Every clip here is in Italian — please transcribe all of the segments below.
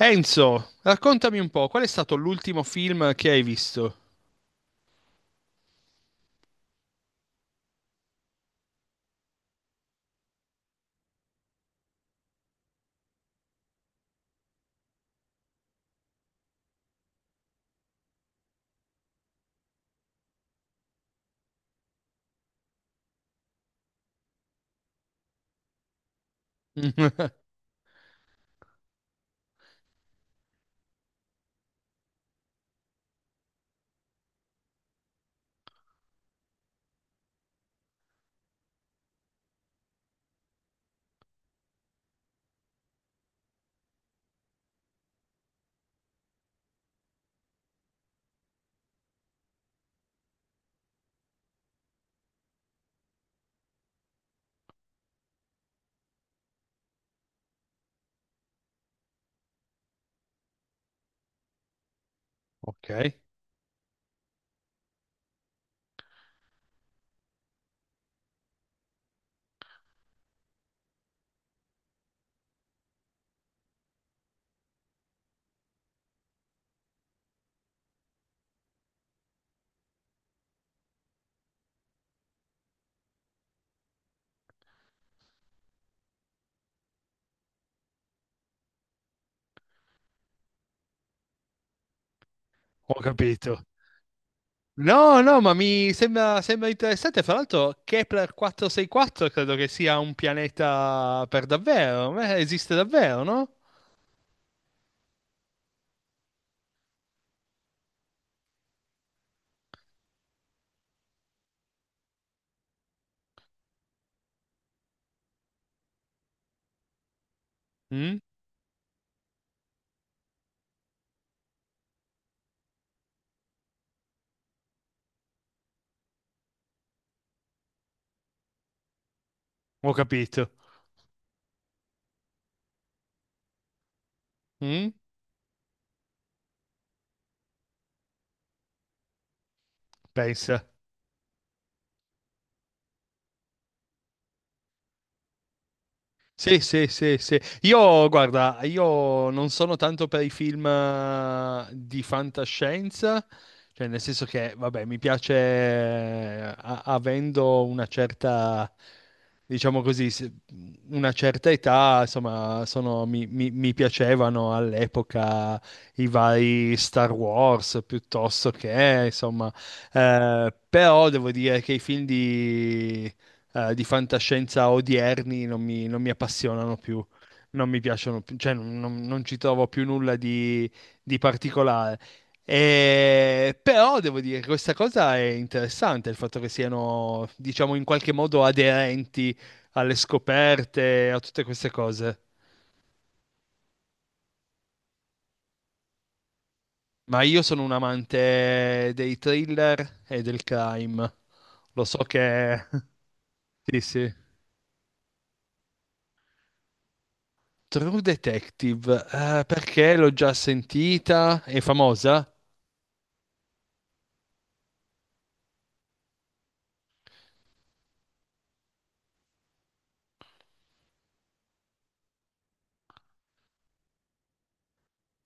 Enzo, raccontami un po', qual è stato l'ultimo film che hai visto? Ok, ho capito. No, no, ma mi sembra, sembra interessante. Fra l'altro, Kepler 464 credo che sia un pianeta per davvero. Esiste davvero, no? Mm? Ho capito. Mm? Pensa. Sì, sì, sì, sì. Io, guarda, io non sono tanto per i film di fantascienza, cioè nel senso che, vabbè, mi piace avendo una certa, diciamo così, una certa età, insomma, mi piacevano all'epoca i vari Star Wars piuttosto che, insomma, però devo dire che i film di fantascienza odierni non mi appassionano più, non mi piacciono più, cioè non ci trovo più nulla di particolare. Però devo dire che questa cosa è interessante, il fatto che siano, diciamo, in qualche modo aderenti alle scoperte, a tutte queste cose. Ma io sono un amante dei thriller e del crime. Lo so che... Sì, sì. True Detective, perché l'ho già sentita? È famosa?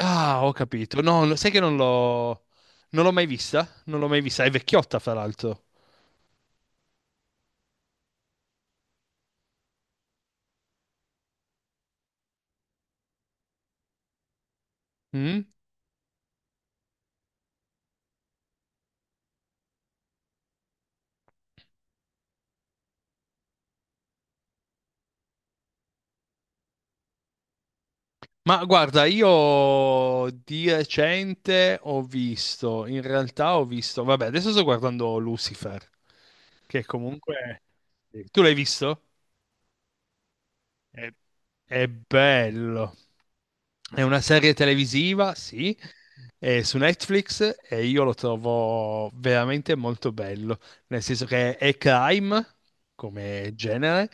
Ah, ho capito. Sai che non l'ho mai vista? Non l'ho mai vista, è vecchiotta, fra l'altro. Mm? Ma guarda, io di recente ho visto, in realtà ho visto, vabbè, adesso sto guardando Lucifer, che comunque... Tu l'hai visto? È, è bello. È una serie televisiva, sì, è su Netflix e io lo trovo veramente molto bello, nel senso che è crime come genere,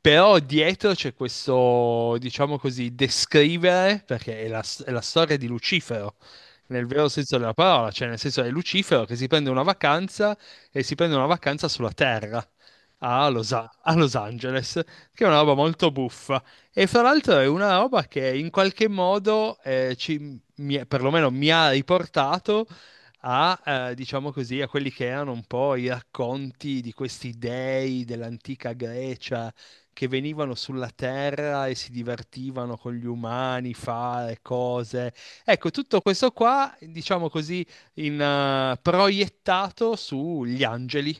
però dietro c'è questo, diciamo così, descrivere, perché è la storia di Lucifero, nel vero senso della parola, cioè nel senso è Lucifero che si prende una vacanza e si prende una vacanza sulla Terra. A Los Angeles, che è una roba molto buffa. E fra l'altro è una roba che in qualche modo perlomeno mi ha riportato a, diciamo così, a quelli che erano un po' i racconti di questi dei dell'antica Grecia che venivano sulla terra e si divertivano con gli umani, fare cose. Ecco, tutto questo qua, diciamo così, proiettato sugli angeli.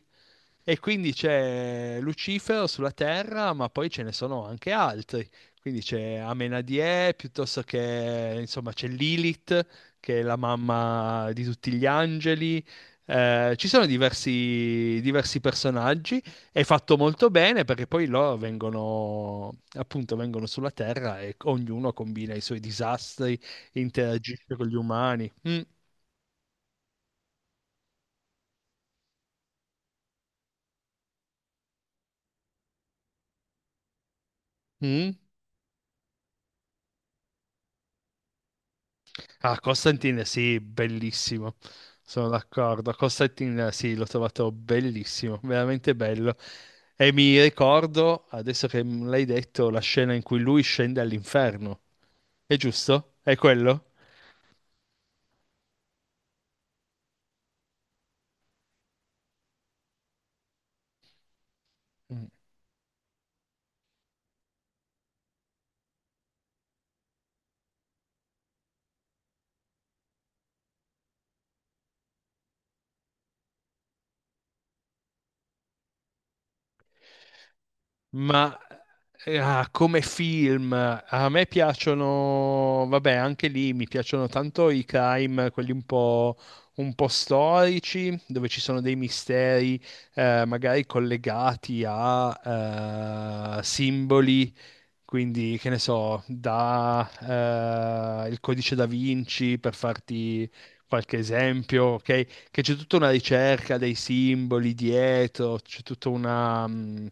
E quindi c'è Lucifero sulla terra, ma poi ce ne sono anche altri. Quindi c'è Amenadie, piuttosto che, insomma, c'è Lilith, che è la mamma di tutti gli angeli. Ci sono diversi, diversi personaggi. È fatto molto bene perché poi loro vengono, appunto, vengono sulla Terra e ognuno combina i suoi disastri, interagisce con gli umani. Mm, mm. Ah, Constantine, sì, bellissimo. Sono d'accordo. Constantine, sì, l'ho trovato bellissimo, veramente bello. E mi ricordo, adesso che me l'hai detto, la scena in cui lui scende all'inferno. È giusto? È quello? Mm. Ma come film, a me piacciono, vabbè, anche lì mi piacciono tanto i crime, quelli un po' storici, dove ci sono dei misteri, magari collegati a simboli quindi, che ne so, da il codice da Vinci per farti qualche esempio, ok? Che c'è tutta una ricerca dei simboli dietro, c'è tutta una,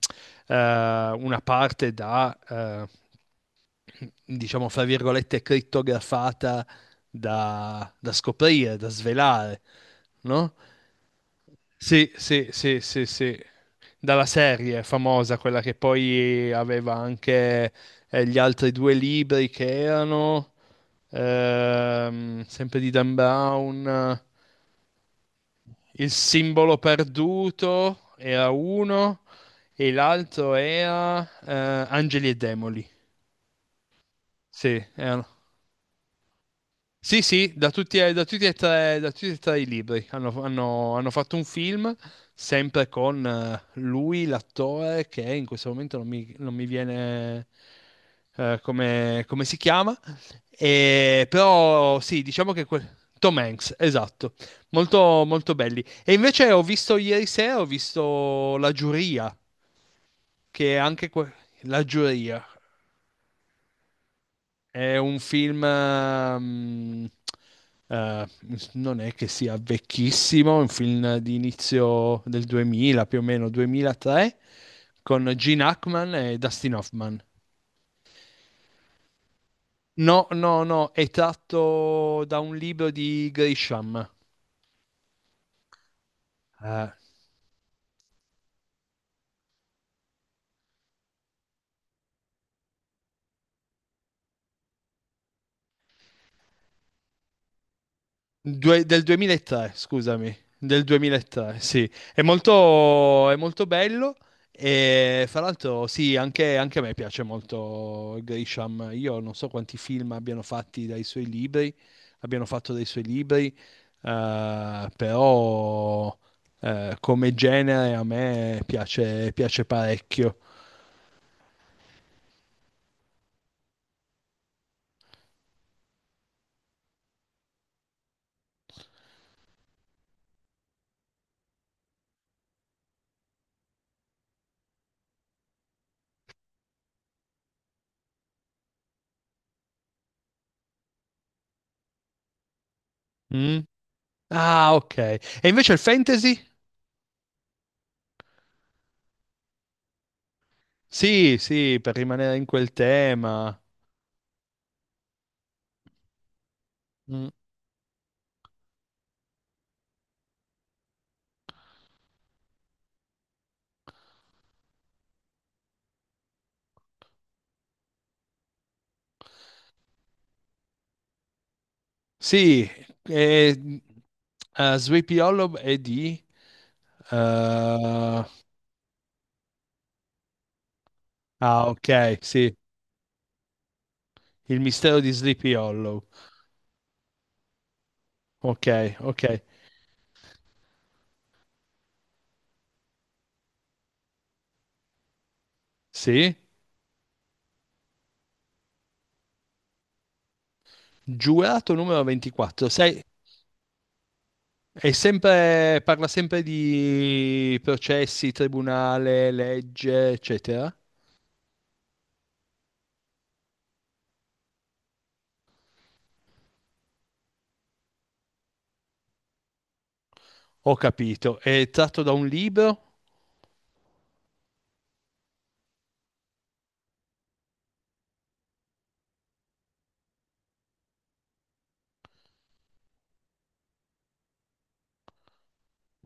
eh, una parte da, diciamo, fra virgolette, crittografata da, da scoprire, da svelare, no? Sì, sì, sì, sì, sì. Dalla serie famosa, quella che poi aveva anche gli altri due libri che erano sempre di Dan Brown. Il simbolo perduto era uno e l'altro era Angeli e Demoli. Sì, erano. Sì, sì, da tutti e tre, da tutti e tre i libri. Hanno fatto un film sempre con lui, l'attore, che in questo momento non mi viene come si chiama. E, però sì, Tom Hanks, esatto, molto, molto belli. E invece ho visto ieri sera, ho visto La Giuria, che è anche que- La Giuria. È un film, eh, non è che sia vecchissimo, è un film di inizio del 2000, più o meno 2003, con Gene Hackman e Dustin Hoffman. No, no, no, è tratto da un libro di Grisham. Eh, Del 2003, scusami, del 2003, sì. È molto bello e fra l'altro sì, anche, anche a me piace molto Grisham. Io non so quanti film abbiano fatti dai suoi libri, abbiano fatto dai suoi libri, però come genere a me piace, piace parecchio. Mm? Ah, ok. E invece il fantasy? Sì, sì, per rimanere in quel tema. Mm. Sì, e, Sleepy Hollow è di... eh, ah, ok, sì, Il mistero di Sleepy Hollow. Ok, ok, sì. Giurato numero 24. Sei, è sempre, parla sempre di processi, tribunale, legge, eccetera. Ho capito. È tratto da un libro?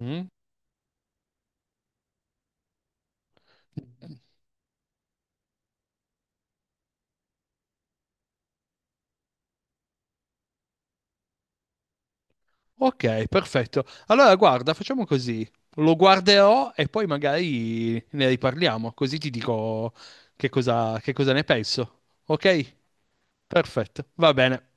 Mm? Ok, perfetto. Allora, guarda, facciamo così. Lo guarderò e poi magari ne riparliamo, così ti dico che cosa ne penso. Ok? Perfetto, va bene.